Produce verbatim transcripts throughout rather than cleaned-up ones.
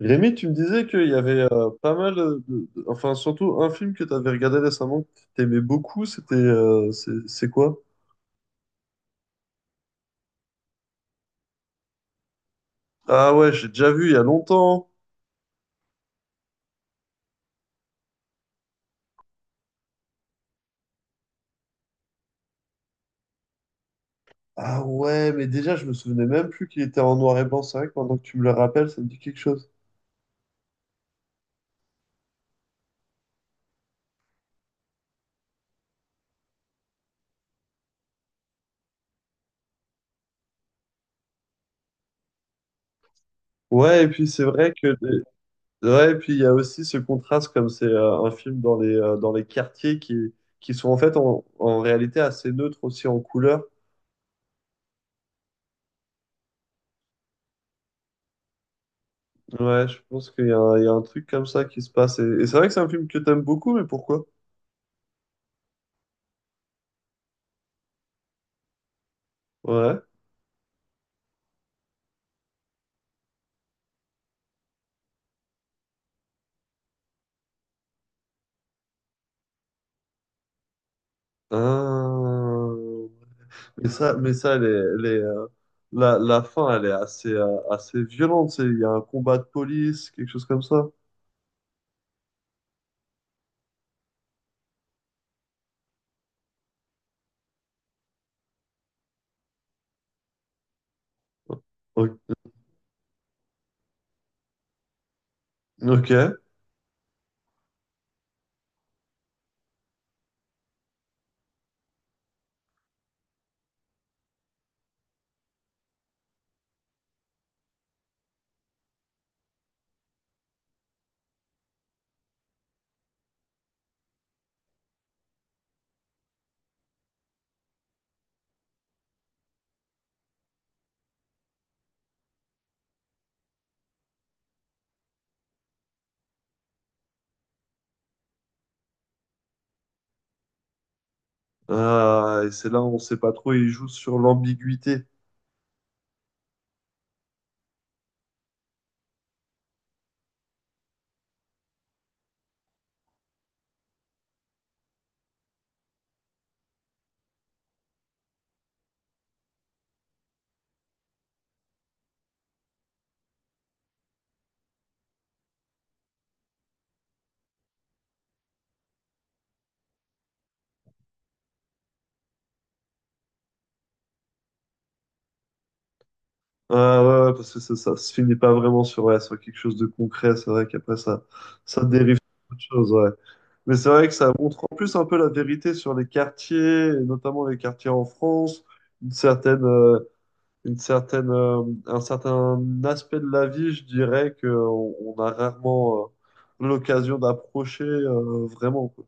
Rémi, tu me disais qu'il y avait euh, pas mal de, de- Enfin, surtout un film que tu avais regardé récemment que tu aimais beaucoup, c'était... euh, c'est c'est quoi? Ah ouais, j'ai déjà vu il y a longtemps. Ah ouais, mais déjà, je me souvenais même plus qu'il était en noir et blanc. C'est vrai que maintenant que tu me le rappelles, ça me dit quelque chose. Ouais, et puis c'est vrai que... Ouais, et puis il y a aussi ce contraste, comme c'est euh, un film dans les, euh, dans les quartiers qui, qui sont en fait en, en réalité assez neutres aussi en couleur. Ouais, je pense qu'il y a, un- il y a un truc comme ça qui se passe. Et, et c'est vrai que c'est un film que t'aimes beaucoup, mais pourquoi? Ouais. Ah. Mais ça, mais ça, les, les, euh, la, la fin, elle est assez, euh, assez violente. c'est- Il y a un combat de police, quelque chose comme ça. O- Ok. Ok. Ah, et c'est là où on sait pas trop, il joue sur l'ambiguïté. Ah ouais, ouais, ouais, parce que ça, ça se finit pas vraiment sur, ouais, sur quelque chose de concret. C'est vrai qu'après, ça, ça dérive sur autre chose, ouais. Mais c'est vrai que ça montre en plus un peu la vérité sur les quartiers, et notamment les quartiers en France, une certaine, euh, une certaine, euh, un certain aspect de la vie, je dirais, que on on a rarement euh, l'occasion d'approcher euh, vraiment, quoi.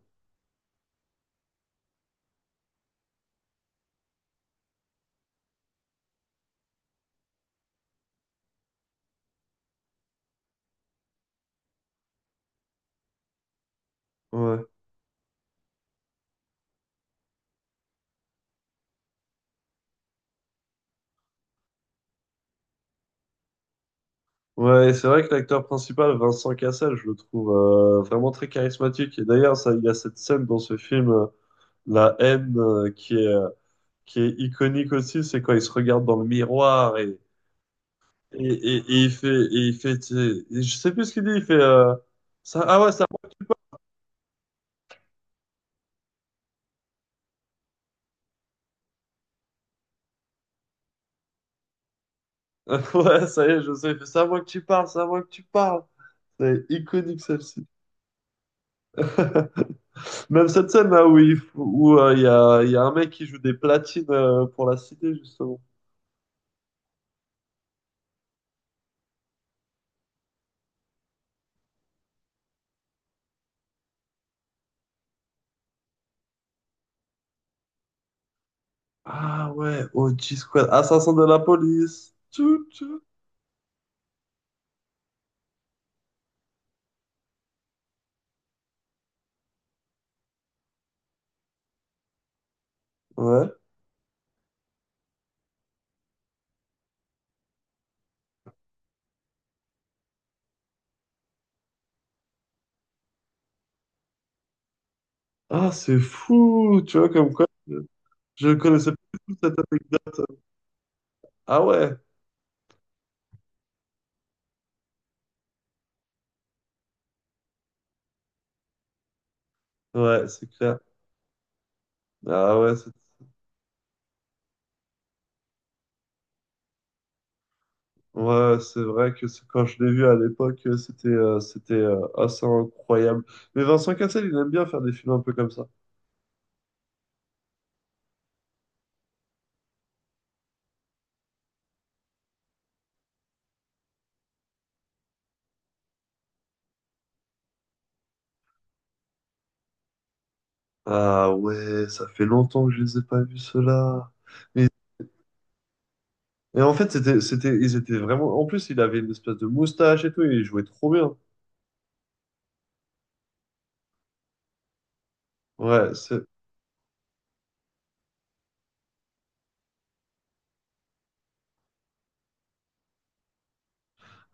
Ouais. Ouais, et c'est vrai que l'acteur principal, Vincent Cassel, je le trouve euh, vraiment très charismatique. Et d'ailleurs, ça, il y a cette scène dans ce film, euh, La Haine, euh, qui est, euh, qui est iconique aussi. C'est quand il se regarde dans le miroir et, Et, et, et il fait, et il fait, tu je sais plus ce qu'il dit, il fait, euh, ça, ah ouais, ça, ouais, ça y est, je sais, il fait, c'est à moi que tu parles, c'est à moi que tu parles. C'est iconique celle-ci. Même cette scène là où il, f- où, euh, il y a, il y a un mec qui joue des platines euh, pour la cité, justement. Ah ouais, O G Squad, assassin de la police. Tchou, tchou. Ouais. Ah, c'est fou, tu vois, comme quoi, je je connaissais pas du tout cette technique. Ah ouais, ouais, c'est clair. Ah ouais, ouais, c'est vrai que c'est- quand je l'ai vu à l'époque, euh, c'était euh, c'était euh, assez incroyable. Mais Vincent Cassel, il aime bien faire des films un peu comme ça. Ah ouais, ça fait longtemps que je les ai pas vus ceux-là. Mais et en fait, c'était c'était ils étaient vraiment. En plus, il avait une espèce de moustache et tout, et il jouait trop bien. Ouais, c'est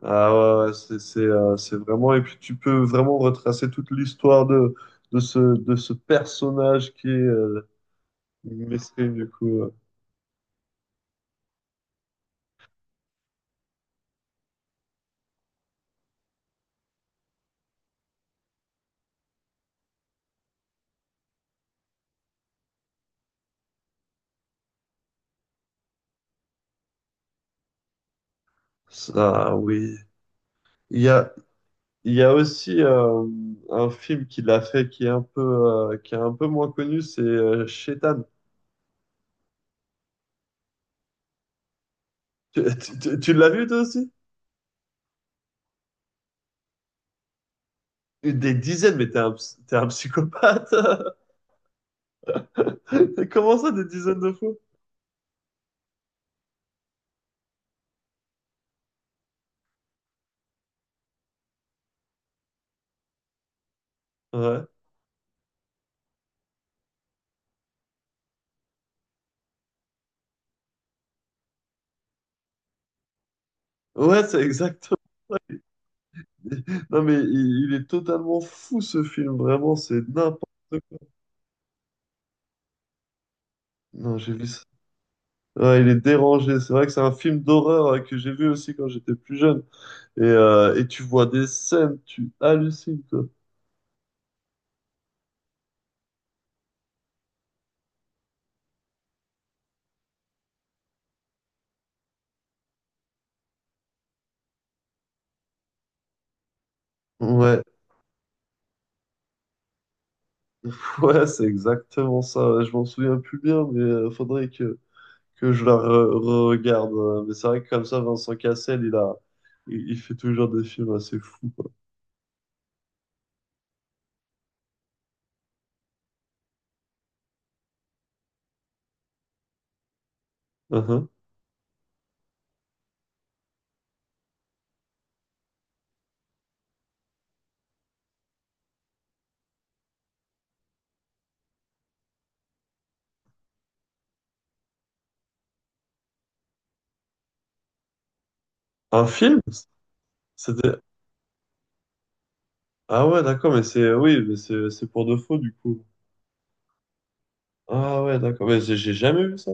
Ah ouais, ouais, ouais, c'est c'est euh, c'est vraiment. Et puis tu peux vraiment retracer toute l'histoire de de ce de ce personnage qui est euh, mesquin du coup. euh. Ça oui. Il y a Il y a aussi euh, un film qu'il a fait qui est un peu, euh, qui est un peu moins connu, c'est euh, Shaitan. Tu, tu- tu- tu l'as vu toi aussi? Des dizaines, mais t'es un, ps- t'es un psychopathe. Comment ça, des dizaines de fois? Ouais. Ouais, c'est exact. Non, mais il, il est totalement fou ce film, vraiment, c'est n'importe quoi. Non, j'ai vu ça. Ouais, il est dérangé. C'est vrai que c'est un film d'horreur euh, que j'ai vu aussi quand j'étais plus jeune. Et, euh, et tu vois des scènes, tu hallucines, quoi. Ouais. Ouais, c'est exactement ça. Ouais, je m'en souviens plus bien, mais euh, faudrait que, que je la re- regarde. euh, Mais c'est vrai que comme ça, Vincent Cassel, il a, il, il fait toujours des films assez fous, quoi. Mhm. Un film? C'était... Ah ouais, d'accord, mais c'est... Oui, mais c'est c'est pour de faux, du coup. Ah ouais, d'accord, mais j'ai j'ai jamais vu ça.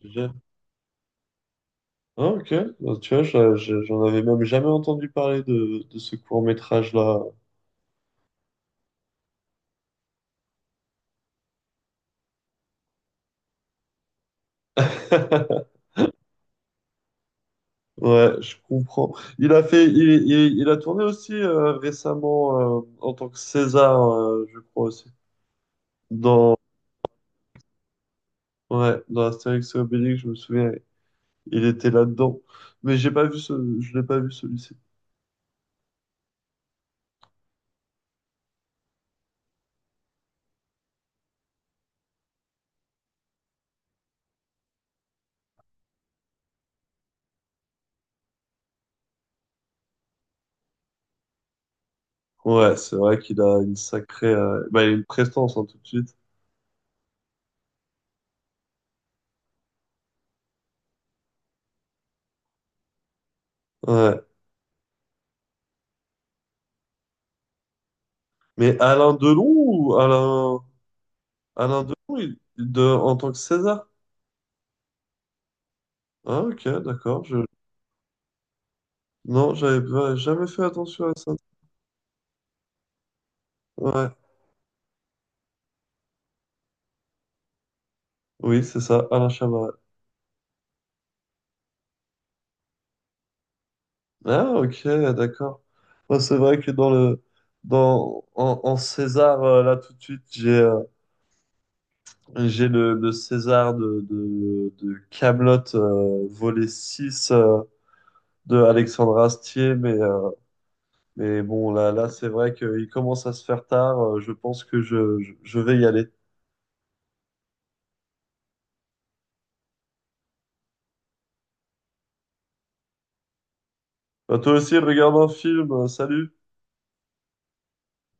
J'ai jamais- Ah ok, bah, tu vois, j'a- j'a- j'en avais même jamais entendu parler de, de ce court-métrage-là. Ouais, je comprends. Il a fait, il, il- Il a tourné aussi euh, récemment euh, en tant que César, euh, je crois aussi. Dans, ouais, dans Astérix et Obélix, je me souviens, il était là-dedans. Mais j'ai pas vu ce, je l'ai pas vu celui-ci. Ouais, c'est vrai qu'il a une sacrée, euh, bah, il a une prestance hein, tout de suite. Ouais. Mais Alain Delon ou Alain, Alain Delon, il- de, en tant que César? Ah, ok, d'accord. Je, non, j'avais j'avais jamais fait attention à ça. Ouais. Oui, c'est ça, Alain Chabat. Ah, ok, d'accord. Moi, c'est vrai que dans le dans en, en César euh, là tout de suite, j'ai euh, j'ai le, le César de de, de Kaamelott euh, volet six euh, de Alexandre Astier mais euh, mais bon là là c'est vrai qu'il commence à se faire tard, euh, je pense que je, je je vais y aller. Bah, toi aussi regarde un film, euh, salut.